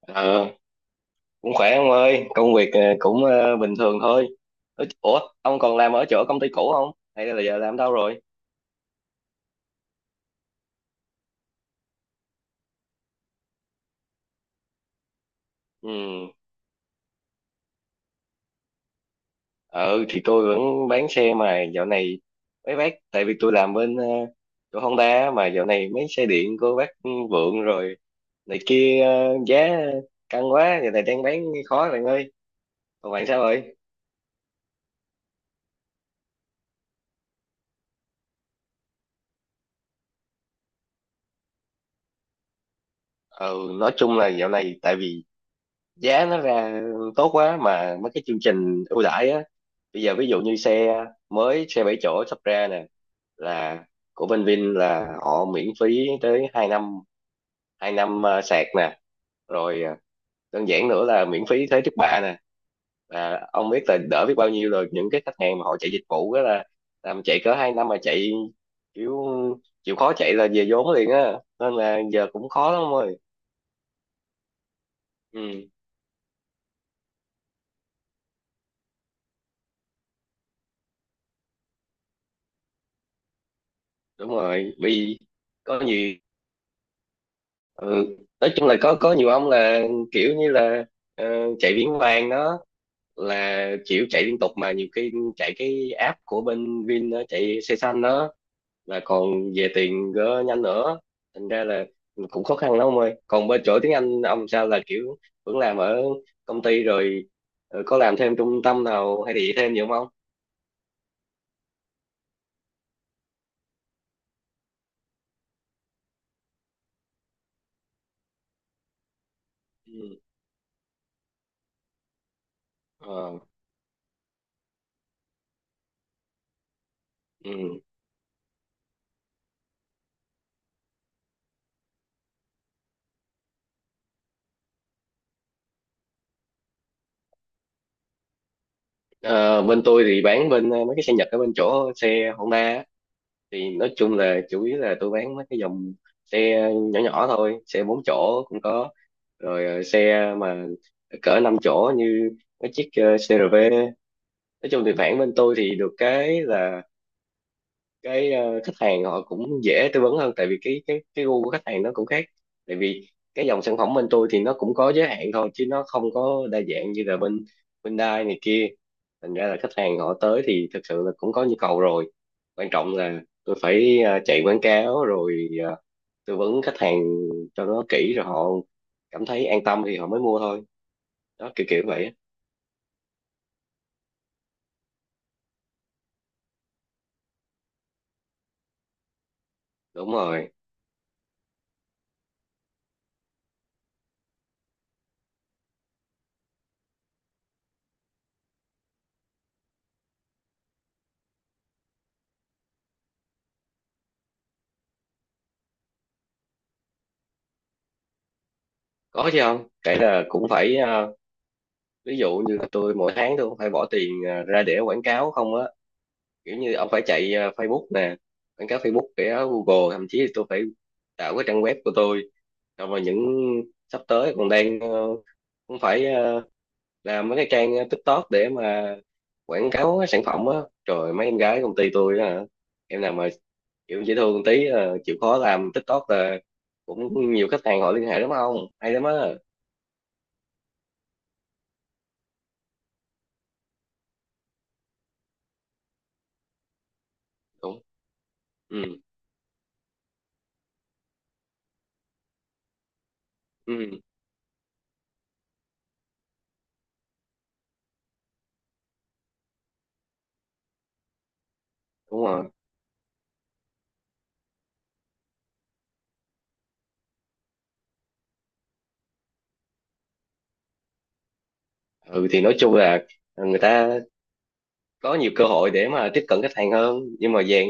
Ờ, Cũng khỏe ông ơi, công việc cũng bình thường thôi. Ủa, ông còn làm ở chỗ công ty cũ không? Hay là giờ làm đâu rồi? Ừ, ừ, thì tôi vẫn bán xe mà dạo này mấy bác, tại vì tôi làm bên chỗ Honda á, mà dạo này mấy xe điện của bác Vượng rồi này kia giá căng quá, giờ này đang bán khó rồi anh ơi. Còn bạn sao rồi? Ừ, nói chung là dạo này tại vì giá nó ra tốt quá, mà mấy cái chương trình ưu đãi á, bây giờ ví dụ như xe mới, xe 7 chỗ sắp ra nè, là của bên Vin là họ miễn phí tới 2 năm, 2 năm sạc nè, rồi đơn giản nữa là miễn phí thế trước bạ nè, và ông biết là đỡ biết bao nhiêu rồi. Những cái khách hàng mà họ chạy dịch vụ đó là làm chạy cỡ 2 năm mà chạy kiểu chịu khó chạy là về vốn liền á, nên là giờ cũng khó lắm ông ơi. Ừ, đúng rồi, vì có nhiều. Ừ, nói chung là có nhiều ông là kiểu như là ờ, chạy viễn vàng đó, là kiểu chạy liên tục mà nhiều khi chạy cái app của bên Vin đó, chạy xe xanh đó, là còn về tiền gỡ nhanh nữa, thành ra là cũng khó khăn lắm ông ơi. Còn bên chỗ tiếng Anh ông sao, là kiểu vẫn làm ở công ty rồi có làm thêm trung tâm nào hay gì thêm gì không ông? Ừ. Ờ, ừ. Ờ, bên tôi thì bán bên mấy cái xe Nhật ở bên chỗ xe Honda á. Thì nói chung là chủ yếu là tôi bán mấy cái dòng xe nhỏ nhỏ thôi, xe 4 chỗ cũng có, rồi xe mà cỡ 5 chỗ như cái chiếc CRV. Nói chung thì bản bên tôi thì được cái là cái khách hàng họ cũng dễ tư vấn hơn, tại vì cái gu của khách hàng nó cũng khác, tại vì cái dòng sản phẩm bên tôi thì nó cũng có giới hạn thôi, chứ nó không có đa dạng như là bên bên Dai này kia, thành ra là khách hàng họ tới thì thực sự là cũng có nhu cầu rồi. Quan trọng là tôi phải chạy quảng cáo rồi tư vấn khách hàng cho nó kỹ, rồi họ cảm thấy an tâm thì họ mới mua thôi, đó kiểu kiểu vậy á. Đúng rồi. Có chứ, không kể là cũng phải ví dụ như là tôi mỗi tháng tôi cũng phải bỏ tiền ra để quảng cáo không á, kiểu như ông phải chạy Facebook nè, quảng cáo Facebook để Google, thậm chí là tôi phải tạo cái trang web của tôi, xong rồi những sắp tới còn đang cũng phải làm mấy cái trang TikTok để mà quảng cáo cái sản phẩm á. Trời, mấy em gái công ty tôi á hả? Em nào mà kiểu dễ thương tí chịu khó làm TikTok là cũng nhiều khách hàng họ liên hệ lắm, không hay lắm á. Đúng. Ừ, ừ, đúng rồi. Ừ, thì nói chung là người ta có nhiều cơ hội để mà tiếp cận khách hàng hơn, nhưng mà dạng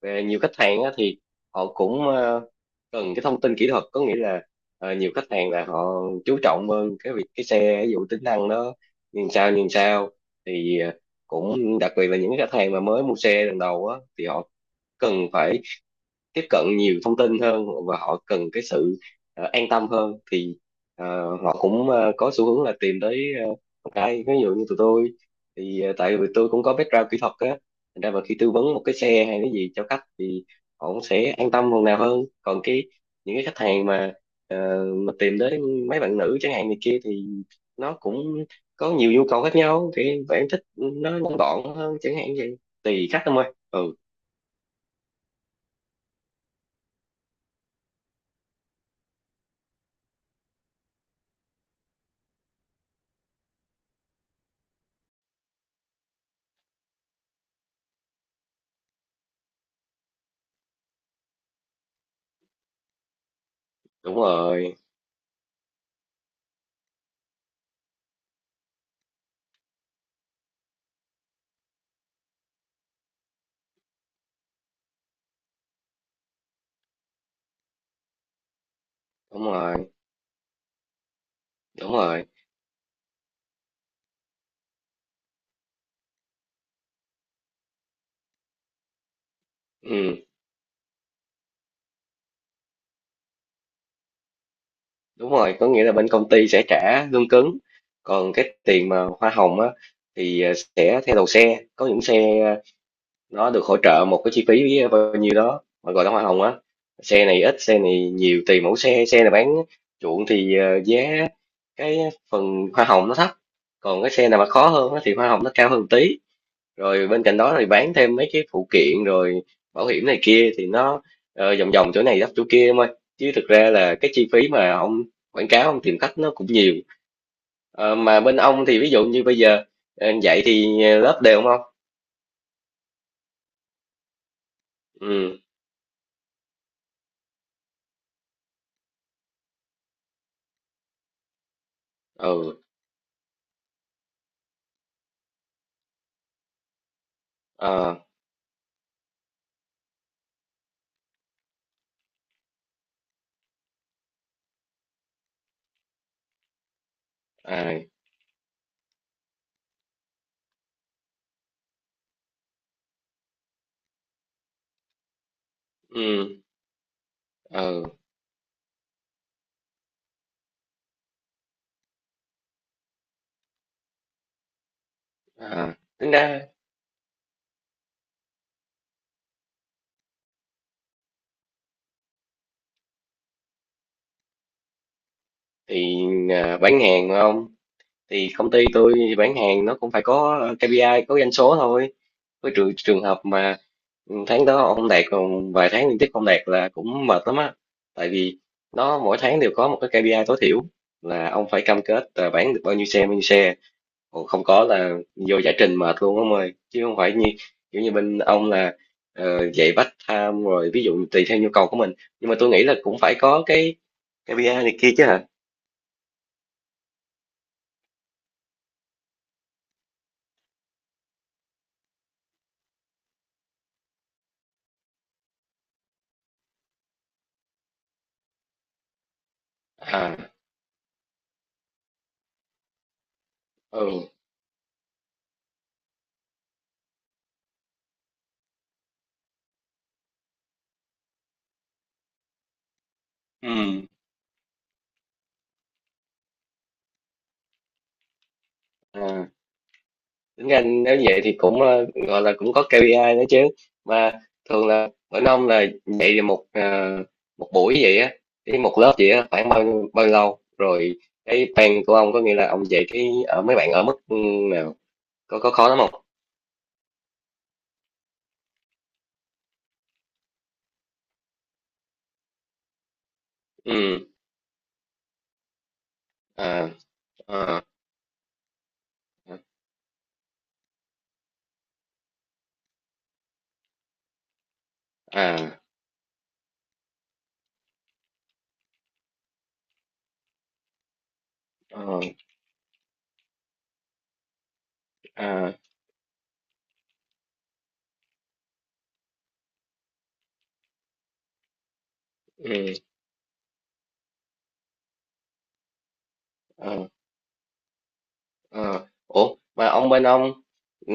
về nhiều khách hàng á, thì họ cũng cần cái thông tin kỹ thuật, có nghĩa là nhiều khách hàng là họ chú trọng hơn cái việc cái xe ví dụ tính năng nó nhìn sao nhìn sao, thì cũng đặc biệt là những khách hàng mà mới mua xe lần đầu á, thì họ cần phải tiếp cận nhiều thông tin hơn, và họ cần cái sự an tâm hơn, thì ờ, họ cũng có xu hướng là tìm tới uh, cái ví dụ như tụi tôi thì tại vì tôi cũng có background kỹ thuật á, thành ra mà khi tư vấn một cái xe hay cái gì cho khách thì họ cũng sẽ an tâm phần nào hơn. Còn cái những cái khách hàng mà mà tìm tới mấy bạn nữ chẳng hạn này kia thì nó cũng có nhiều nhu cầu khác nhau, thì bạn thích nó ngắn gọn hơn chẳng hạn vậy, tùy khách thôi. Ừ, đúng rồi, đúng rồi, đúng rồi. Ừ, đúng rồi, có nghĩa là bên công ty sẽ trả lương cứng, còn cái tiền mà hoa hồng á thì sẽ theo đầu xe, có những xe nó được hỗ trợ một cái chi phí bao nhiêu đó mà gọi là hoa hồng á. Xe này ít, xe này nhiều, tùy mẫu xe, xe này bán chuộng thì giá cái phần hoa hồng nó thấp, còn cái xe nào mà khó hơn á thì hoa hồng nó cao hơn một tí. Rồi bên cạnh đó thì bán thêm mấy cái phụ kiện, rồi bảo hiểm này kia thì nó vòng vòng chỗ này đắp chỗ kia em ơi, chứ thực ra là cái chi phí mà ông quảng cáo ông tìm khách nó cũng nhiều. Ờ, mà bên ông thì ví dụ như bây giờ dạy thì lớp đều không ông? Ừ. Ừ. Ờ. À. Ừ. Ờ. À, tính ra thì bán hàng mà không, thì công ty tôi bán hàng nó cũng phải có KPI, có doanh số thôi, với trường trường hợp mà ừ, tháng đó ông đạt, còn vài tháng liên tiếp không đạt là cũng mệt lắm á. Tại vì nó mỗi tháng đều có một cái KPI tối thiểu, là ông phải cam kết là bán được bao nhiêu xe bao nhiêu xe. Ồ, không có là vô giải trình mệt luôn ông ơi, chứ không phải như kiểu như bên ông là dạy bắt tham rồi ví dụ tùy theo nhu cầu của mình. Nhưng mà tôi nghĩ là cũng phải có cái KPI này kia chứ hả? À. Ừ. Ừ. À, tính ra nếu vậy thì cũng gọi là cũng có KPI nữa chứ mà. Thường là bên ông là dạy thì một một buổi vậy á, cái một lớp vậy á khoảng bao nhiêu lâu rồi cái plan của ông, có nghĩa là ông dạy cái ở mấy bạn ở mức ừ, nào, có khó lắm không? Ừ. À. À. À. Ờ. À. Ừ. Ờ. Ờ. Ủa, mà ông bên ông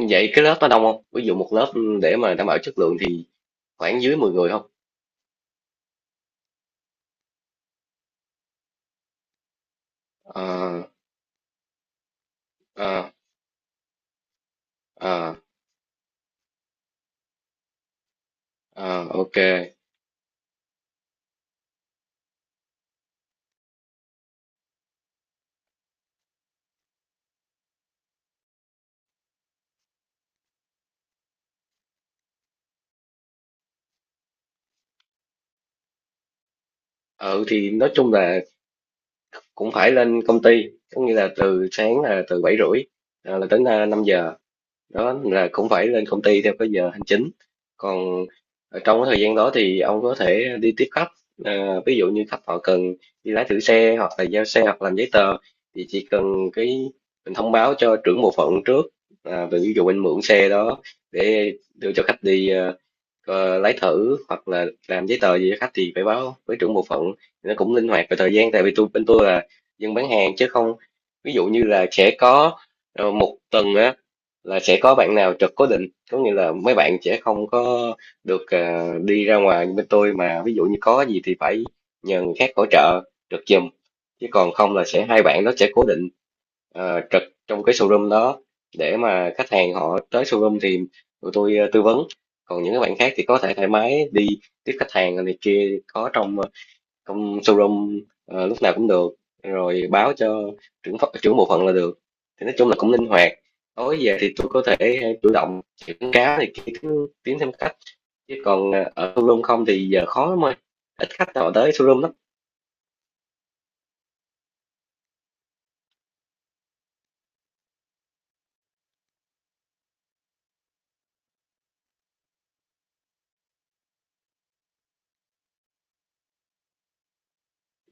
dạy cái lớp đó đông không, ví dụ một lớp để mà đảm bảo chất lượng thì khoảng dưới 10 người không? Ờ. Ờ. Ờ. Ờ, ok. Ừ, thì nói chung là cũng phải lên công ty, có nghĩa là từ sáng là từ 7:30 là đến 5 giờ, đó là cũng phải lên công ty theo cái giờ hành chính. Còn ở trong cái thời gian đó thì ông có thể đi tiếp khách, ví dụ như khách họ cần đi lái thử xe, hoặc là giao xe, hoặc làm giấy tờ, thì chỉ cần cái mình thông báo cho trưởng bộ phận trước, về ví dụ anh mượn xe đó để đưa cho khách đi lấy thử, hoặc là làm giấy tờ gì cho khách thì phải báo với trưởng bộ phận. Nó cũng linh hoạt về thời gian, tại vì tôi bên tôi là dân bán hàng chứ không, ví dụ như là sẽ có một tuần á là sẽ có bạn nào trực cố định, có nghĩa là mấy bạn sẽ không có được đi ra ngoài như bên tôi, mà ví dụ như có gì thì phải nhờ người khác hỗ trợ trực giùm, chứ còn không là sẽ hai bạn đó sẽ cố định trực trong cái showroom đó, để mà khách hàng họ tới showroom thì tụi tôi tư vấn. Còn những cái bạn khác thì có thể thoải mái đi tiếp khách hàng này kia, có trong không showroom lúc nào cũng được, rồi báo cho trưởng bộ phận là được. Thì nói chung là cũng linh hoạt, tối về thì tôi có thể chủ động quảng cáo thì kiếm tiến thêm khách, chứ còn ở showroom không thì giờ khó lắm ơi, ít khách nào tới showroom lắm.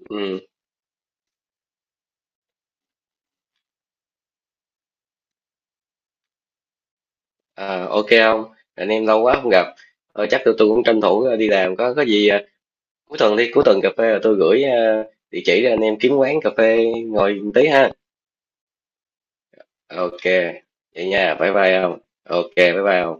Ừ. À, ok, không anh em lâu quá không gặp, chắc tôi cũng tranh thủ đi làm, có gì cuối tuần đi, cuối tuần cà phê là tôi gửi địa chỉ cho anh em kiếm quán cà phê ngồi tí ha. Ok. Vậy nha, bye bye không, ok bye bye không.